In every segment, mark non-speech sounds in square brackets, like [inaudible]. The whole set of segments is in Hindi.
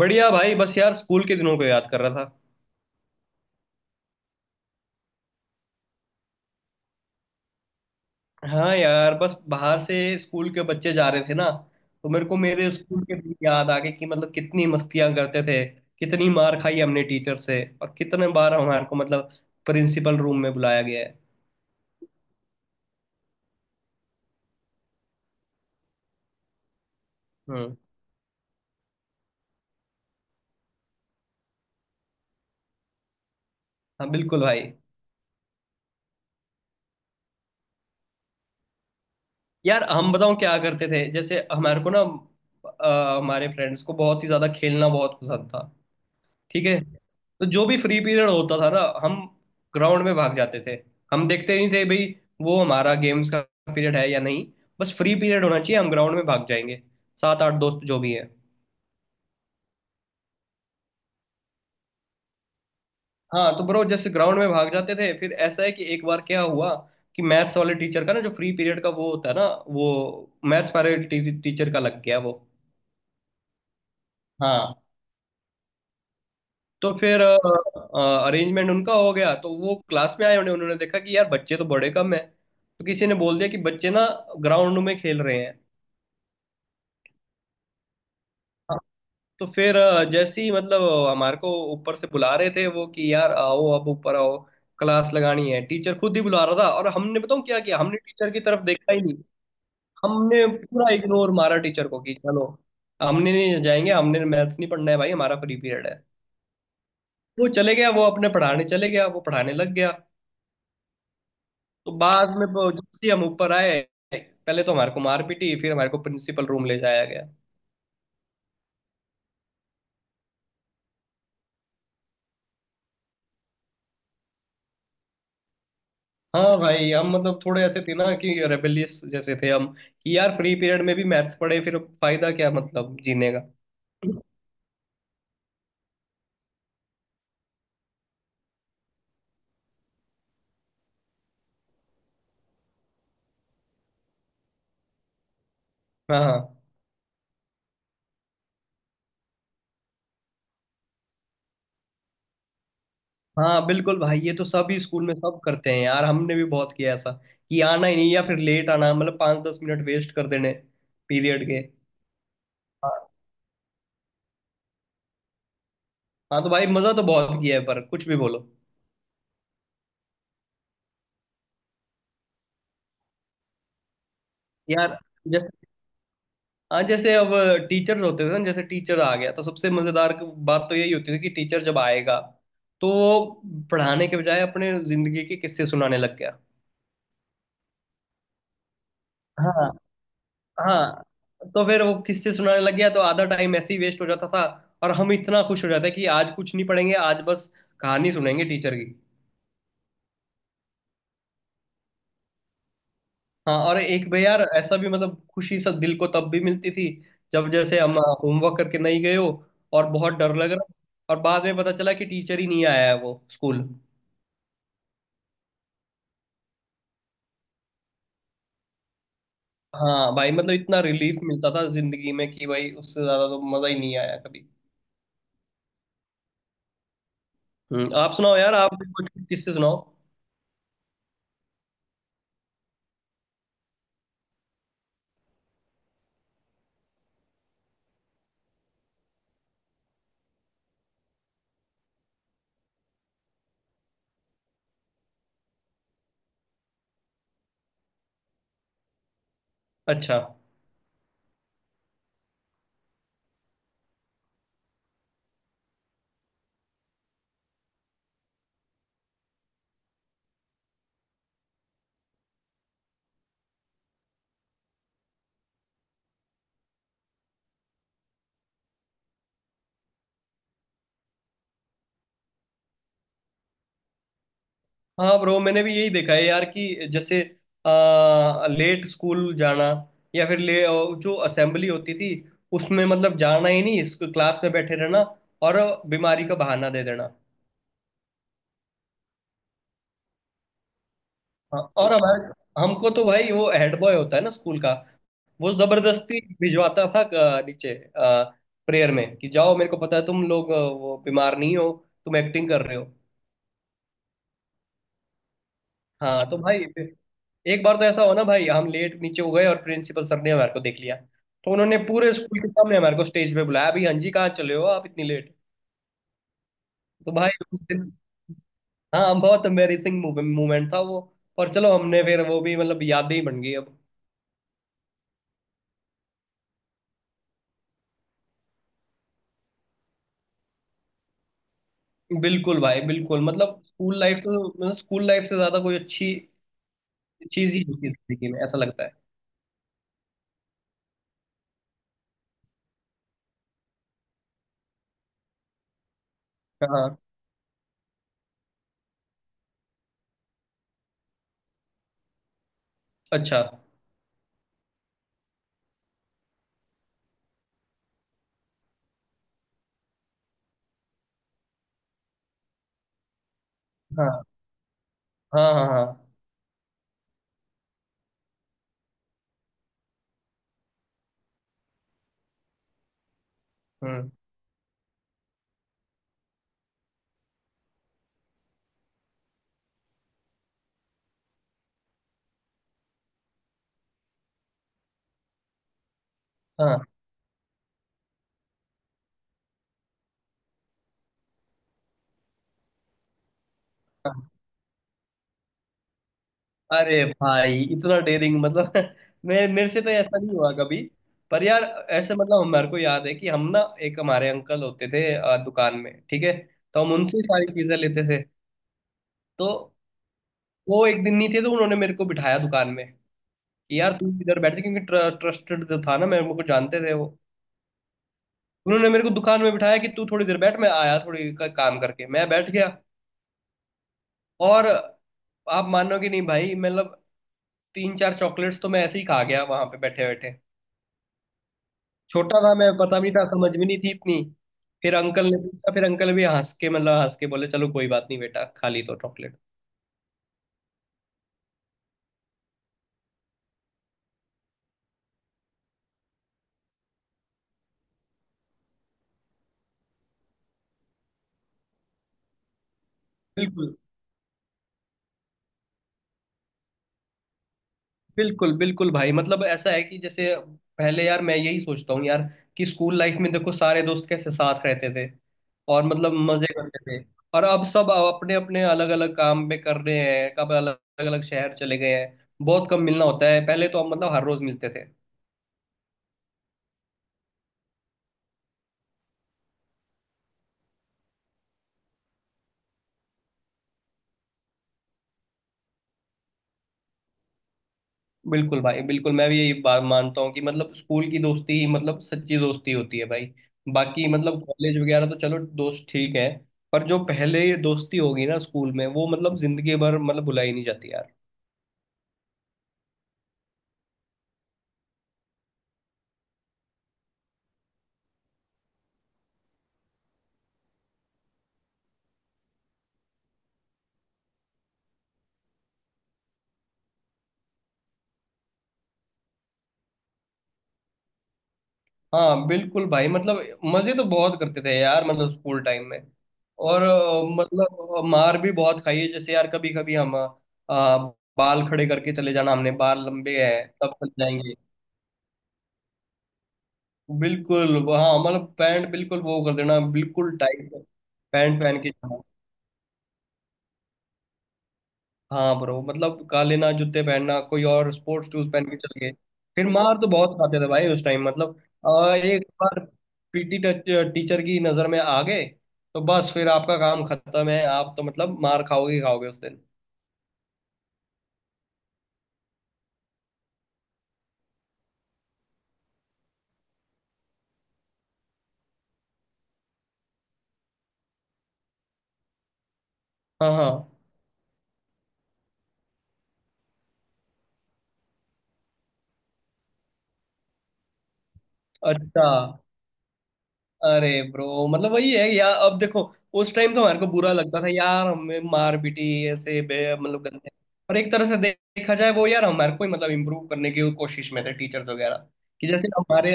बढ़िया भाई, बस यार स्कूल के दिनों को याद कर रहा था। हाँ यार, बस बाहर से स्कूल के बच्चे जा रहे थे ना। तो मेरे को मेरे स्कूल के दिन याद आ गए कि मतलब कितनी मस्तियां करते थे। कितनी मार खाई हमने टीचर से, और कितने बार हमारे को मतलब प्रिंसिपल रूम में बुलाया गया है। हम्म। हाँ बिल्कुल भाई। यार हम बताओ क्या करते थे, जैसे हमारे को ना हमारे फ्रेंड्स को बहुत ही ज्यादा खेलना बहुत पसंद था। ठीक है। तो जो भी फ्री पीरियड होता था ना, हम ग्राउंड में भाग जाते थे। हम देखते नहीं थे भाई, वो हमारा गेम्स का पीरियड है या नहीं। बस फ्री पीरियड होना चाहिए, हम ग्राउंड में भाग जाएंगे। सात आठ दोस्त जो भी है। हाँ तो ब्रो, जैसे ग्राउंड में भाग जाते थे, फिर ऐसा है कि एक बार क्या हुआ कि मैथ्स वाले टीचर का ना, जो फ्री पीरियड का वो होता है ना, वो मैथ्स वाले टीचर का लग गया वो। हाँ। तो फिर अरेंजमेंट उनका हो गया, तो वो क्लास में आए, उन्हें उन्होंने देखा कि यार बच्चे तो बड़े कम है, तो किसी ने बोल दिया कि बच्चे ना ग्राउंड में खेल रहे हैं। हाँ। तो फिर जैसे ही मतलब हमारे को ऊपर से बुला रहे थे वो कि यार आओ अब ऊपर आओ, क्लास लगानी है। टीचर खुद ही बुला रहा था, और हमने बताऊं क्या किया, हमने टीचर की तरफ देखा ही नहीं। हमने पूरा इग्नोर मारा टीचर को कि चलो, हमने नहीं जाएंगे, हमने मैथ्स नहीं पढ़ना है भाई, हमारा फ्री पीरियड है। वो चले गया, वो अपने पढ़ाने चले गया, वो पढ़ाने लग गया। तो बाद में वो जैसे ही हम ऊपर आए, पहले तो हमारे को मार पीटी, फिर हमारे को प्रिंसिपल रूम ले जाया गया। हाँ भाई, हम मतलब थोड़े ऐसे थे ना कि रेबेलियस जैसे थे हम, कि यार फ्री पीरियड में भी मैथ्स पढ़े, फिर फायदा क्या मतलब जीने का। हाँ, हाँ। हाँ बिल्कुल भाई, ये तो सभी स्कूल में सब करते हैं यार, हमने भी बहुत किया ऐसा कि आना ही नहीं, या फिर लेट आना, मतलब पाँच दस मिनट वेस्ट कर देने पीरियड के। हाँ। हाँ, तो भाई मजा तो बहुत किया है, पर कुछ भी बोलो यार। हाँ, जैसे अब टीचर्स होते थे ना, जैसे टीचर आ गया तो सबसे मजेदार बात तो यही होती थी कि टीचर जब आएगा तो वो पढ़ाने के बजाय अपने जिंदगी के किस्से सुनाने लग गया। हाँ, हाँ। तो फिर वो किस्से सुनाने लग गया, तो आधा टाइम ऐसे ही वेस्ट हो जाता था। और हम इतना खुश हो जाते कि आज कुछ नहीं पढ़ेंगे, आज बस कहानी सुनेंगे टीचर की। हाँ, और एक भाई यार ऐसा भी, मतलब खुशी सब दिल को तब भी मिलती थी जब जैसे हम होमवर्क करके नहीं गए हो और बहुत डर लग रहा, और बाद में पता चला कि टीचर ही नहीं आया है वो स्कूल। हाँ भाई, मतलब इतना रिलीफ मिलता था जिंदगी में कि भाई उससे ज्यादा तो मजा ही नहीं आया कभी। आप सुनाओ यार, आप भी कुछ किससे सुनाओ। अच्छा। हाँ ब्रो, मैंने भी यही देखा है यार कि जैसे लेट स्कूल जाना, या फिर ले जो असेंबली होती थी उसमें मतलब जाना ही नहीं, इस क्लास में बैठे रहना, और बीमारी का बहाना दे देना। हाँ, और हमारे हमको तो भाई, वो हेड बॉय होता है ना स्कूल का, वो जबरदस्ती भिजवाता था नीचे प्रेयर में कि जाओ, मेरे को पता है तुम लोग वो बीमार नहीं हो, तुम एक्टिंग कर रहे हो। हाँ तो भाई फिर एक बार तो ऐसा हो ना भाई, हम लेट नीचे हो गए और प्रिंसिपल सर ने हमारे को देख लिया। तो उन्होंने पूरे स्कूल के सामने हमारे को स्टेज पे बुलाया भाई, हाँ जी कहाँ चले हो आप इतनी लेट। तो भाई उस दिन, हाँ बहुत एम्बेरसिंग मोमेंट था वो। पर चलो, हमने फिर वो भी मतलब यादें ही बन गई अब। बिल्कुल भाई, बिल्कुल, मतलब स्कूल लाइफ तो, मतलब स्कूल लाइफ से ज्यादा कोई अच्छी चीज ही होती है जिंदगी में, ऐसा लगता है। हाँ। अच्छा। हाँ, हाँ, हाँ, हाँ। हम्म। हाँ, हाँ। अरे भाई इतना डेयरिंग, मतलब [laughs] मैं, मेरे से तो ऐसा नहीं हुआ कभी। पर यार ऐसे, मतलब हमारे को याद है कि हम ना, एक हमारे अंकल होते थे दुकान में, ठीक है। तो हम उनसे ही सारी चीजें लेते थे। तो वो एक दिन नहीं थे, तो उन्होंने मेरे को बिठाया दुकान में कि यार तू इधर बैठ जा, क्योंकि ट्रस्टेड जो था ना, मेरे मेरे को जानते थे वो। उन्होंने मेरे को दुकान में बिठाया कि तू थोड़ी देर बैठ, मैं आया थोड़ी काम करके। मैं बैठ गया और, आप मानोगे नहीं भाई, मतलब तीन चार चॉकलेट्स तो मैं ऐसे ही खा गया वहां पे बैठे बैठे। छोटा था मैं, पता भी नहीं था, समझ भी नहीं थी इतनी। फिर अंकल ने पूछा, फिर अंकल भी हंस के, मतलब हंस के बोले, चलो कोई बात नहीं बेटा, खा ली तो चॉकलेट। बिल्कुल, बिल्कुल, बिल्कुल भाई, मतलब ऐसा है कि जैसे पहले, यार मैं यही सोचता हूँ यार कि स्कूल लाइफ में देखो, सारे दोस्त कैसे साथ रहते थे और मतलब मजे करते थे। और अब सब अपने अपने अलग अलग काम में कर रहे हैं, कब अलग अलग शहर चले गए हैं। बहुत कम मिलना होता है, पहले तो हम मतलब हर रोज मिलते थे। बिल्कुल भाई, बिल्कुल, मैं भी यही बात मानता हूँ कि मतलब स्कूल की दोस्ती ही मतलब सच्ची दोस्ती होती है भाई। बाकी मतलब कॉलेज वगैरह तो, चलो दोस्त ठीक है, पर जो पहले ये दोस्ती होगी ना स्कूल में, वो मतलब जिंदगी भर मतलब भुलाई नहीं जाती यार। हाँ बिल्कुल भाई, मतलब मजे तो बहुत करते थे यार, मतलब स्कूल टाइम में। और मतलब मार भी बहुत खाई है, जैसे यार कभी कभी हम बाल खड़े करके चले जाना, हमने बाल लंबे हैं तब चल जाएंगे। बिल्कुल। हाँ, मतलब पैंट बिल्कुल वो कर देना, बिल्कुल टाइट पैंट पहन के जाना। हाँ ब्रो, मतलब काले ना जूते पहनना, कोई और स्पोर्ट्स शूज पहन के चल गए। फिर मार तो बहुत खाते थे भाई उस टाइम, मतलब एक बार पीटी टीचर की नजर में आ गए, तो बस फिर आपका काम खत्म है, आप तो मतलब मार खाओगे ही खाओगे उस दिन। हाँ, हाँ। अच्छा। अरे ब्रो, मतलब वही है यार, अब देखो उस टाइम तो हमारे को बुरा लगता था यार, हमें मार पीटी ऐसे मतलब गंदे। और एक तरह से देखा जाए वो, यार हमारे को ही मतलब इम्प्रूव करने की कोशिश में थे टीचर्स वगैरह, कि जैसे हमारे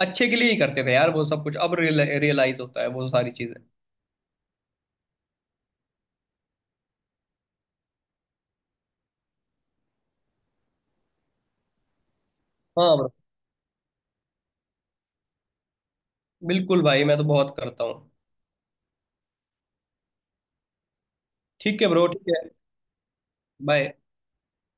अच्छे के लिए ही करते थे यार वो सब कुछ, अब रियलाइज होता है वो सारी चीजें। हाँ ब्रो। बिल्कुल भाई, मैं तो बहुत करता हूँ। ठीक है ब्रो, ठीक है। बाय।